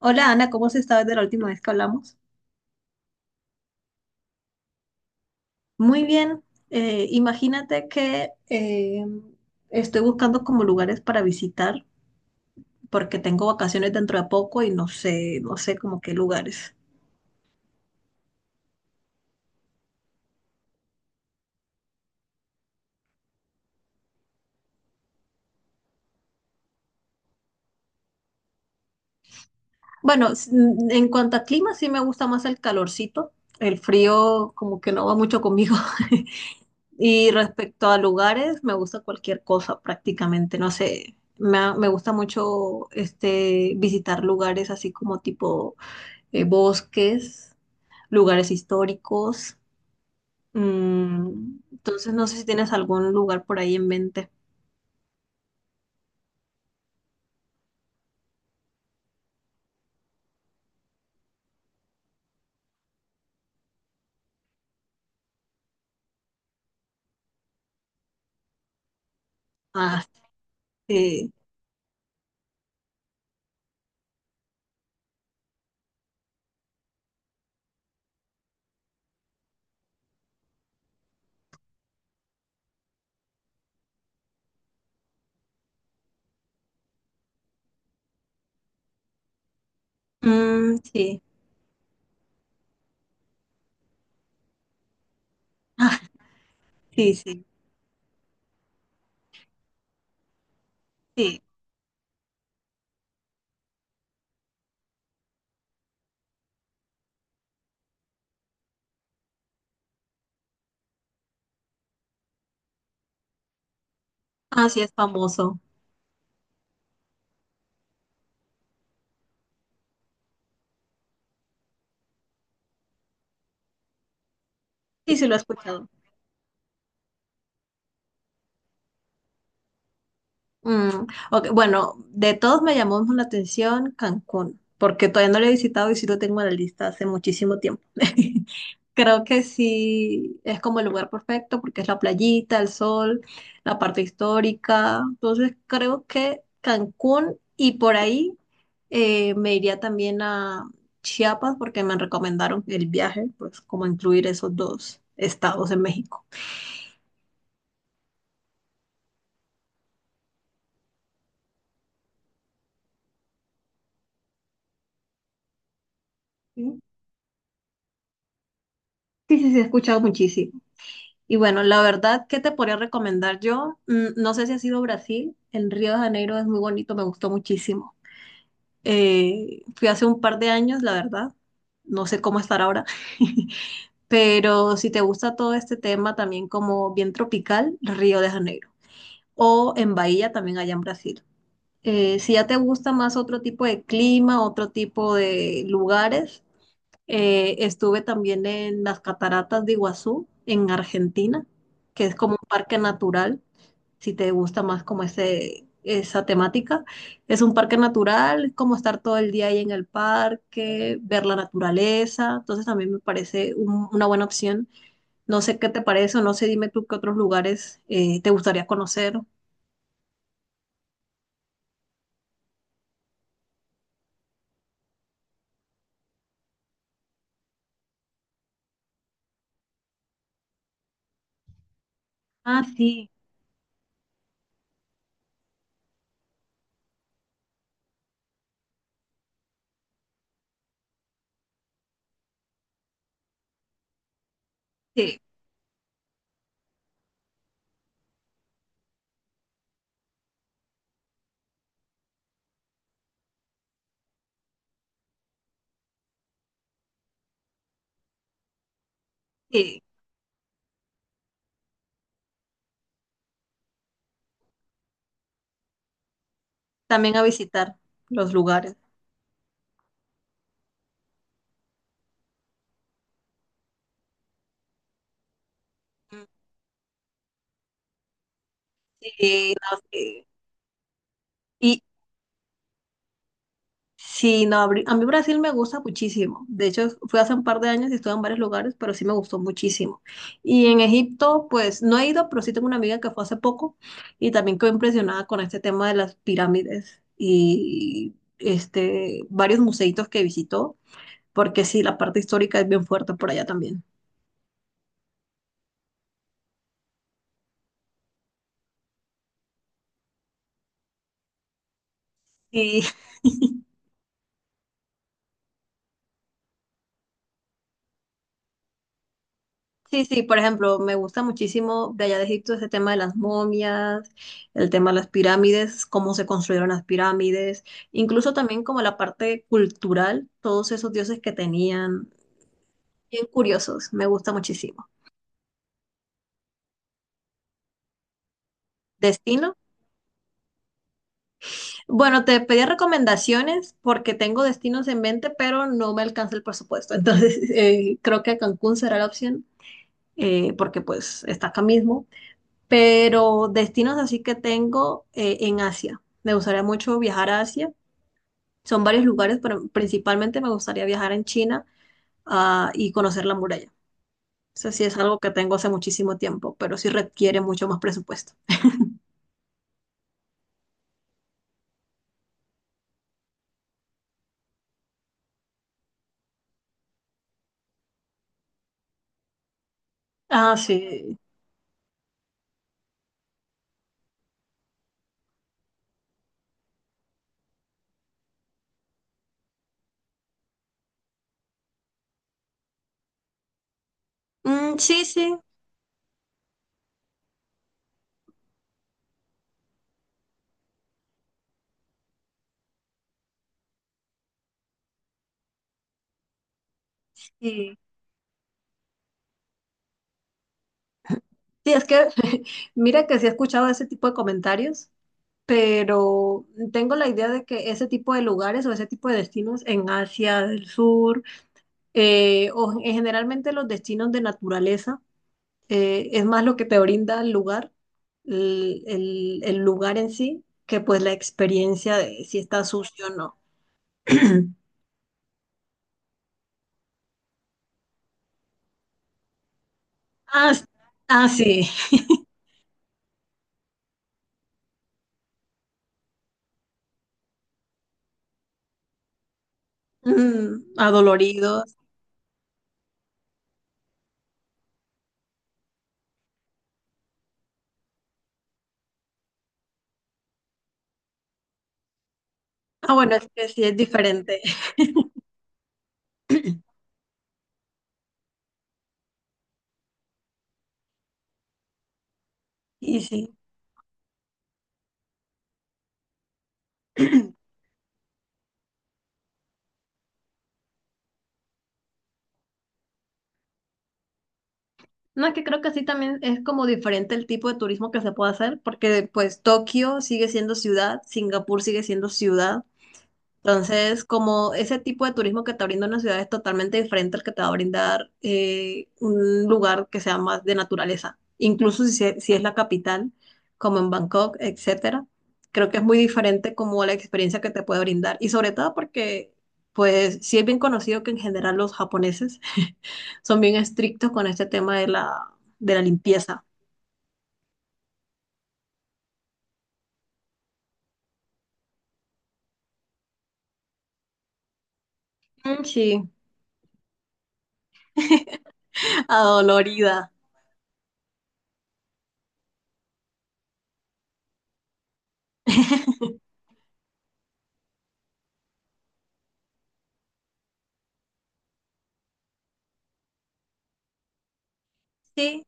Hola Ana, ¿cómo has estado desde la última vez que hablamos? Muy bien. Imagínate que estoy buscando como lugares para visitar porque tengo vacaciones dentro de poco y no sé, como qué lugares. Bueno, en cuanto a clima, sí me gusta más el calorcito. El frío como que no va mucho conmigo. Y respecto a lugares, me gusta cualquier cosa prácticamente. No sé, me gusta mucho este, visitar lugares así como tipo bosques. Lugares históricos. Entonces, no sé si tienes algún lugar por ahí en mente. Ah, sí. Mm, sí. Ah, sí, sí, sí. Ah, sí, es famoso. Sí, sí, lo he escuchado. Mm, ok. Bueno, de todos me llamó la atención Cancún, porque todavía no lo he visitado y sí lo tengo en la lista hace muchísimo tiempo. Creo que sí es como el lugar perfecto porque es la playita, el sol, la parte histórica. Entonces creo que Cancún y por ahí me iría también a Chiapas porque me recomendaron el viaje, pues como incluir esos dos estados en México. Sí, sí, sí, he escuchado muchísimo. Y bueno, la verdad, ¿qué te podría recomendar yo? Mm. No sé si has ido a Brasil, en Río de Janeiro es muy bonito, me gustó muchísimo. Fui hace un par de años, la verdad, no sé cómo estar ahora, pero si te gusta todo este tema también como bien tropical, Río de Janeiro. O en Bahía también allá en Brasil. Si ya te gusta más otro tipo de clima, otro tipo de lugares, estuve también en las cataratas de Iguazú, en Argentina, que es como un parque natural, si te gusta más como esa temática. Es un parque natural, es como estar todo el día ahí en el parque, ver la naturaleza. Entonces también me parece una buena opción. No sé qué te parece o no sé, dime tú qué otros lugares te gustaría conocer. Ah, sí, sí, sí. También a visitar los lugares. Mm. Sí, no, sí. Y, sí, no, a mí Brasil me gusta muchísimo. De hecho, fui hace un par de años y estuve en varios lugares, pero sí me gustó muchísimo. Y en Egipto, pues no he ido, pero sí tengo una amiga que fue hace poco y también quedó impresionada con este tema de las pirámides y este, varios museitos que visitó, porque sí, la parte histórica es bien fuerte por allá también. Sí, sí, por ejemplo, me gusta muchísimo de allá de Egipto ese tema de las momias, el tema de las pirámides, cómo se construyeron las pirámides, incluso también como la parte cultural, todos esos dioses que tenían, bien curiosos, me gusta muchísimo. ¿Destino? Bueno, te pedí recomendaciones porque tengo destinos en mente, pero no me alcanza el presupuesto, entonces creo que Cancún será la opción, porque pues está acá mismo. Pero destinos así que tengo en Asia. Me gustaría mucho viajar a Asia. Son varios lugares, pero principalmente me gustaría viajar en China, ah, y conocer la muralla. Eso sí es algo que tengo hace muchísimo tiempo, pero sí requiere mucho más presupuesto. Ah, sí. Mm, sí, sí. Sí, sí, es que mira que sí he escuchado ese tipo de comentarios, pero tengo la idea de que ese tipo de lugares o ese tipo de destinos en Asia del Sur, o generalmente los destinos de naturaleza, es más lo que te brinda el lugar, el lugar en sí, que pues la experiencia de si está sucio o no. Ah, s- ah, sí, Mm, adoloridos. Ah, bueno, es que sí es diferente. Y sí. No, es que creo que sí también es como diferente el tipo de turismo que se puede hacer, porque pues Tokio sigue siendo ciudad, Singapur sigue siendo ciudad. Entonces, como ese tipo de turismo que te brinda una ciudad es totalmente diferente al que te va a brindar un lugar que sea más de naturaleza, incluso si, si es la capital, como en Bangkok, etcétera. Creo que es muy diferente como la experiencia que te puede brindar y sobre todo porque, pues, sí es bien conocido que en general los japoneses son bien estrictos con este tema de de la limpieza. Mm, sí, adolorida. Sí,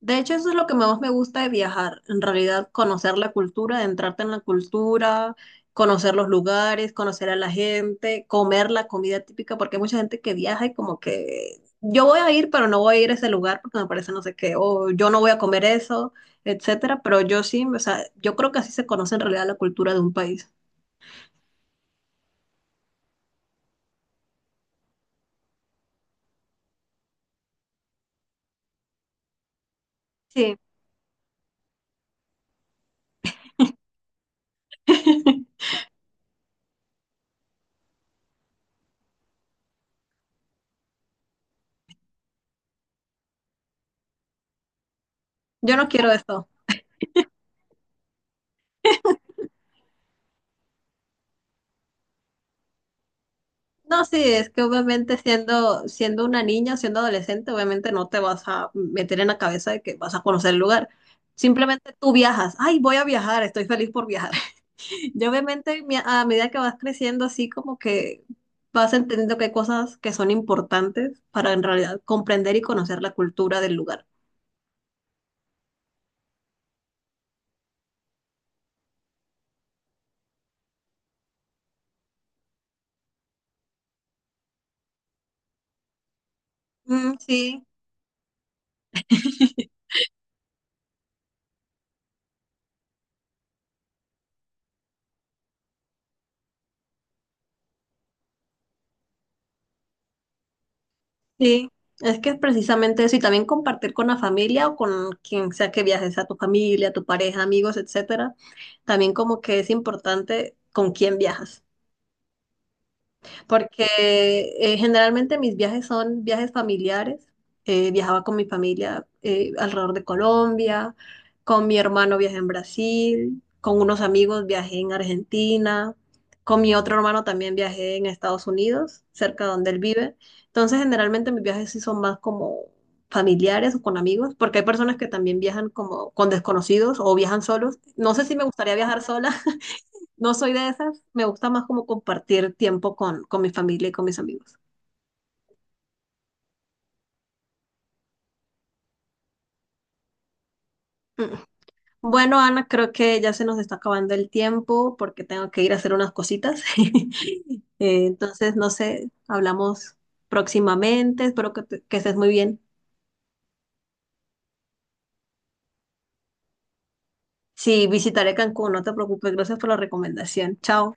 de hecho, eso es lo que más me gusta de viajar, en realidad conocer la cultura, adentrarte en la cultura, conocer los lugares, conocer a la gente, comer la comida típica, porque hay mucha gente que viaja y como que yo voy a ir, pero no voy a ir a ese lugar porque me parece no sé qué, o yo no voy a comer eso, etcétera, pero yo sí, o sea, yo creo que así se conoce en realidad la cultura de un país. Sí. Yo no quiero eso. No, sí, es que obviamente siendo una niña siendo adolescente, obviamente no te vas a meter en la cabeza de que vas a conocer el lugar. Simplemente tú viajas. Ay, voy a viajar, estoy feliz por viajar. Y obviamente a medida que vas creciendo, así como que vas entendiendo que hay cosas que son importantes para en realidad comprender y conocer la cultura del lugar. Mm, sí. Sí, es que es precisamente eso, y también compartir con la familia o con quien sea que viajes, a tu familia, tu pareja, amigos, etcétera. También como que es importante con quién viajas porque generalmente mis viajes son viajes familiares. Viajaba con mi familia alrededor de Colombia, con mi hermano viajé en Brasil, con unos amigos viajé en Argentina, con mi otro hermano también viajé en Estados Unidos, cerca de donde él vive. Entonces, generalmente mis viajes sí son más como familiares o con amigos, porque hay personas que también viajan como con desconocidos o viajan solos. No sé si me gustaría viajar sola, no soy de esas, me gusta más como compartir tiempo con mi familia y con mis amigos. Mm. Bueno, Ana, creo que ya se nos está acabando el tiempo porque tengo que ir a hacer unas cositas. Entonces, no sé, hablamos próximamente, espero que, que estés muy bien. Sí, visitaré Cancún, no te preocupes, gracias por la recomendación. Chao.